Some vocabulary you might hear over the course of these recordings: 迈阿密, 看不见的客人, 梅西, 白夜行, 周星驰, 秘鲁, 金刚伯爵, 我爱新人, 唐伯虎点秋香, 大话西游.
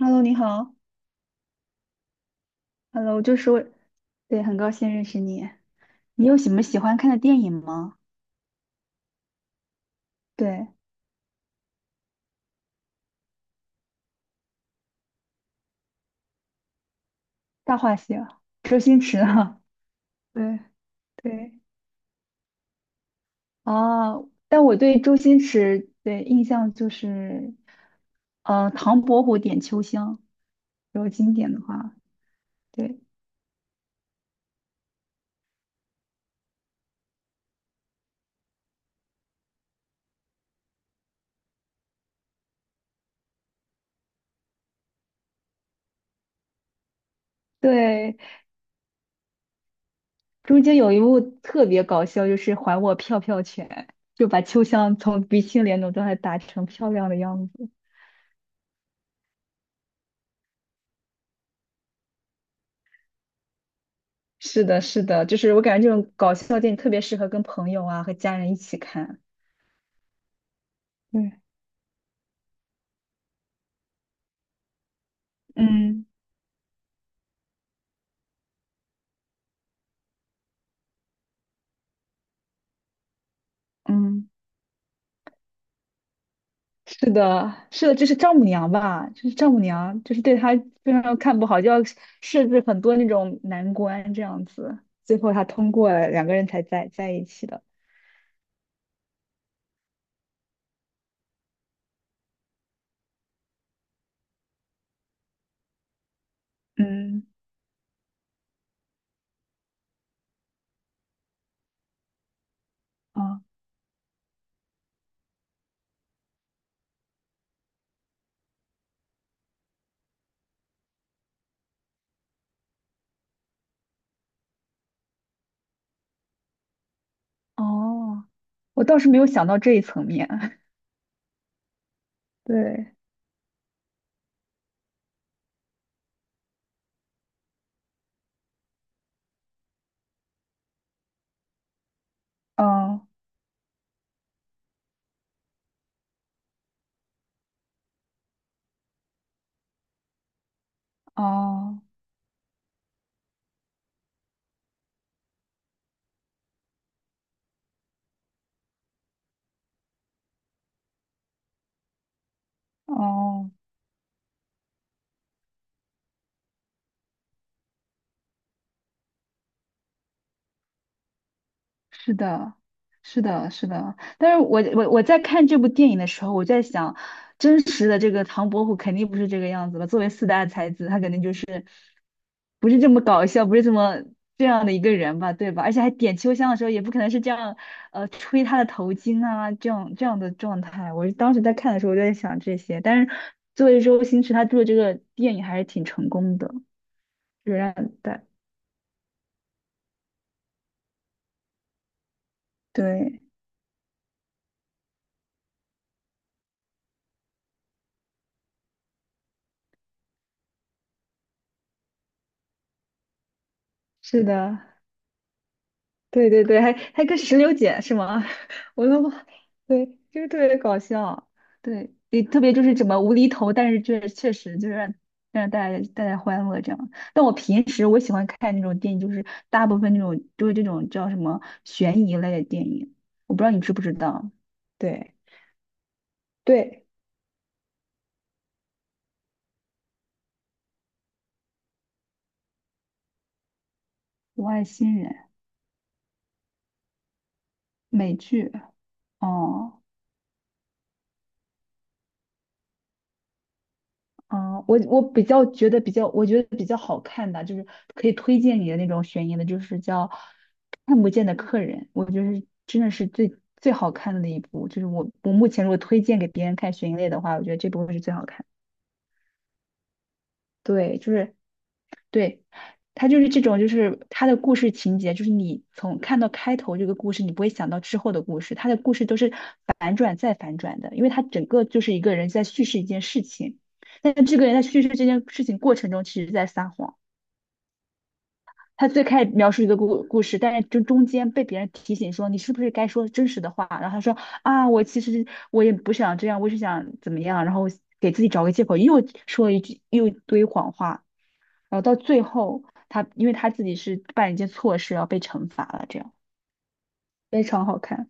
Hello，你好。Hello，就是我，对，很高兴认识你。你有什么喜欢看的电影吗？对，《大话西游》，周星驰啊。对对，啊，但我对周星驰的印象就是，《唐伯虎点秋香》，如果经典的话，对对，中间有一幕特别搞笑，就是还我票票拳，就把秋香从鼻青脸肿状态打成漂亮的样子。是的，是的，就是我感觉这种搞笑电影特别适合跟朋友啊和家人一起看。对，嗯嗯，是的，是的，就是丈母娘吧，就是丈母娘，就是对她非常看不好，就要设置很多那种难关这样子，最后她通过了，两个人才在一起的。嗯，啊，哦，我倒是没有想到这一层面。对，嗯哦哦哦，是的，是的，是的。但是我在看这部电影的时候，我在想，真实的这个唐伯虎肯定不是这个样子吧？作为四大才子，他肯定就是不是这么搞笑，不是这么这样的一个人吧，对吧？而且还点秋香的时候，也不可能是这样，吹他的头巾啊，这样的状态。我当时在看的时候，我就在想这些。但是作为周星驰，他做这个电影还是挺成功的，就让对对，是的。对对对，还跟石榴姐是吗？我都，妈，对，就是特别搞笑，对，也特别就是怎么无厘头，但是确确实就是让大家带来欢乐这样。但我平时我喜欢看那种电影，就是大部分那种就是这种叫什么悬疑类的电影，我不知道你知不知道？对对，《我爱新人》美剧，哦。嗯，我比较觉得比较，我觉得比较好看的，就是可以推荐你的那种悬疑的，就是叫《看不见的客人》，我觉得是真的是最最好看的那一部。就是我目前如果推荐给别人看悬疑类的话，我觉得这部会是最好看。对，就是对，他就是这种，就是他的故事情节，就是你从看到开头这个故事，你不会想到之后的故事，他的故事都是反转再反转的，因为他整个就是一个人在叙事一件事情，但是这个人在叙事这件事情过程中，其实在撒谎。他最开始描述一个故事，但是就中间被别人提醒说你是不是该说真实的话，然后他说啊，我其实我也不想这样，我是想怎么样，然后给自己找个借口，又说一句又一堆谎话。然后到最后他因为他自己是办了一件错事，然后被惩罚了，这样非常好看。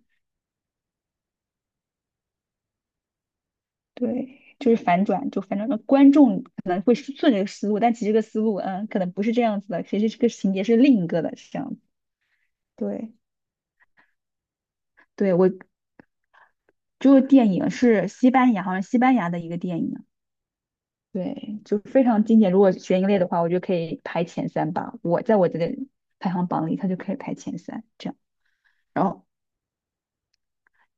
对，就是反转，就反转到观众可能会顺着这个思路，但其实这个思路嗯可能不是这样子的，其实这个情节是另一个的，是这样子。对，对我就是电影是西班牙，好像西班牙的一个电影。对，就非常经典。如果悬疑类的话，我觉得可以排前三吧。我在我这个排行榜里，它就可以排前三这样。然后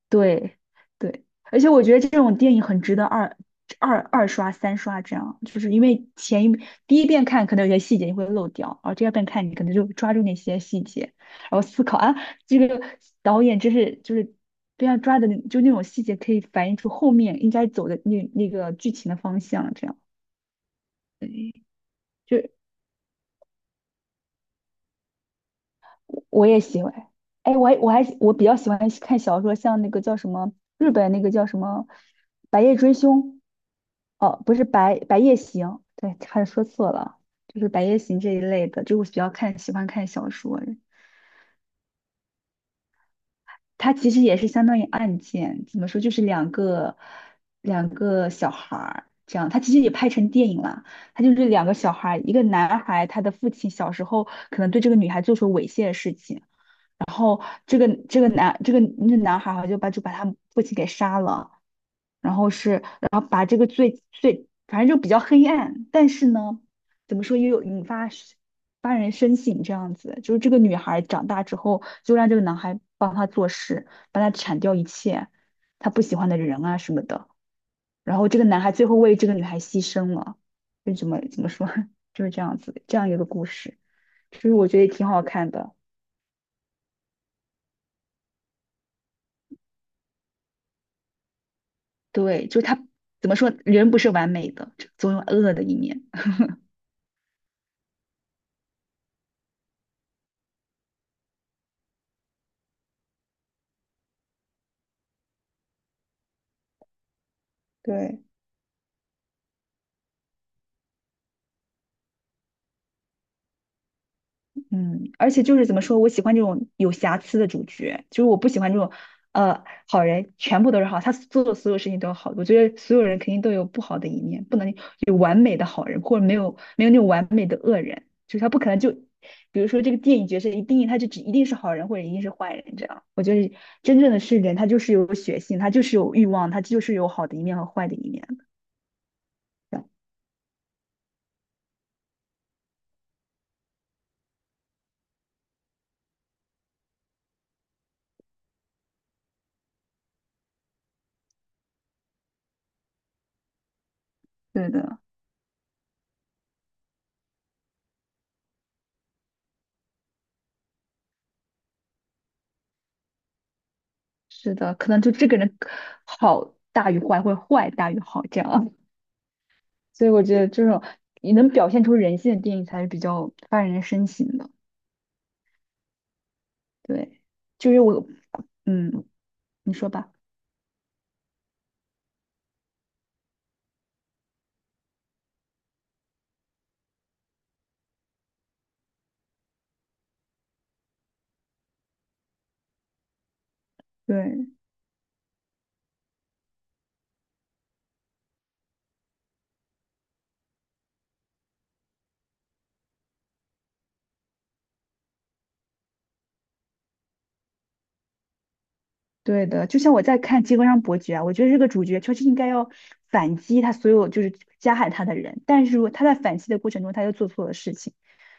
对对，而且我觉得这种电影很值得二刷、三刷这样，就是因为第一遍看可能有些细节你会漏掉，然后第二遍看你可能就抓住那些细节，然后思考啊，这个导演真是就是对啊抓的那就那种细节可以反映出后面应该走的那个剧情的方向，这样就我也喜欢。哎，我比较喜欢看小说，像那个叫什么日本那个叫什么《白夜追凶》。哦，不是白夜行，对，差点说错了，就是白夜行这一类的，就是我比较看喜欢看小说，它其实也是相当于案件，怎么说，就是两个小孩儿这样，它其实也拍成电影了，它就是两个小孩儿，一个男孩，他的父亲小时候可能对这个女孩做出猥亵的事情，这个这个男这个那男孩好像就把他父亲给杀了。然后是，然后把这个最最，反正就比较黑暗，但是呢，怎么说也有引发是发人深省这样子。就是这个女孩长大之后，就让这个男孩帮她做事，帮她铲掉一切她不喜欢的人啊什么的。然后这个男孩最后为这个女孩牺牲了，就怎么说，就是这样子，这样一个故事，就是我觉得也挺好看的。对，就是他怎么说，人不是完美的，总有恶的一面。对。嗯，而且就是怎么说，我喜欢这种有瑕疵的主角，就是我不喜欢这种，好人全部都是好，他做的所有事情都是好。我觉得所有人肯定都有不好的一面，不能有完美的好人，或者没有那种完美的恶人，就是他不可能就，比如说这个电影角色一定义他就只一定是好人或者一定是坏人这样。我觉得真正的是人，他就是有血性，他就是有欲望，他就是有好的一面和坏的一面。对的，是的，可能就这个人好大于坏，或者坏大于好这样。所以我觉得这种你能表现出人性的电影才是比较发人深省的。对，就是我，嗯，你说吧。对，对的，就像我在看《金刚伯爵》啊，我觉得这个主角就是应该要反击他所有就是加害他的人，但是如果他在反击的过程中他又做错了事情，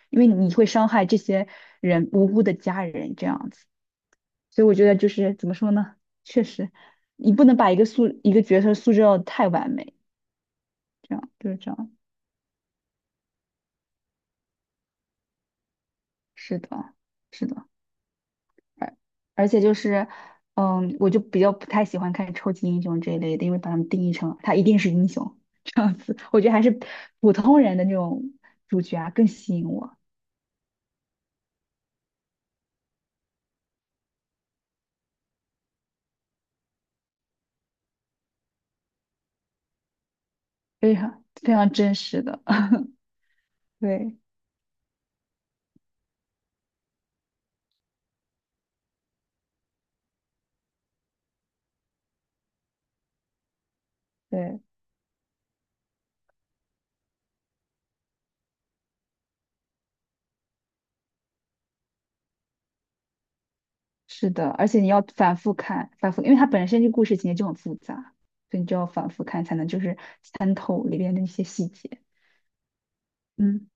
因为你会伤害这些人无辜的家人这样子，所以我觉得就是怎么说呢，确实你不能把一个角色塑造得太完美，这样就是这样，是的。是的。而而且就是，嗯，我就比较不太喜欢看超级英雄这一类的，因为把他们定义成他一定是英雄，我觉得还是普通人的那种主角啊更吸引我，非常非常真实的，对对，是的，而且你要反复看，反复，因为它本身这故事情节就很复杂，所以你就要反复看才能就是参透里边的一些细节。嗯，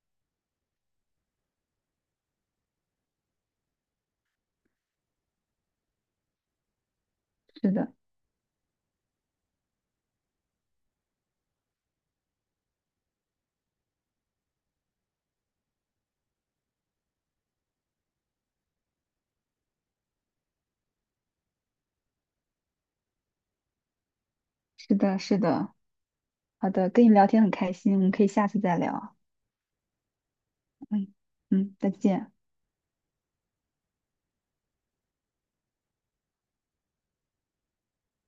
是的，是的，是的，好的，跟你聊天很开心，我们可以下次再聊啊。嗯嗯，再见。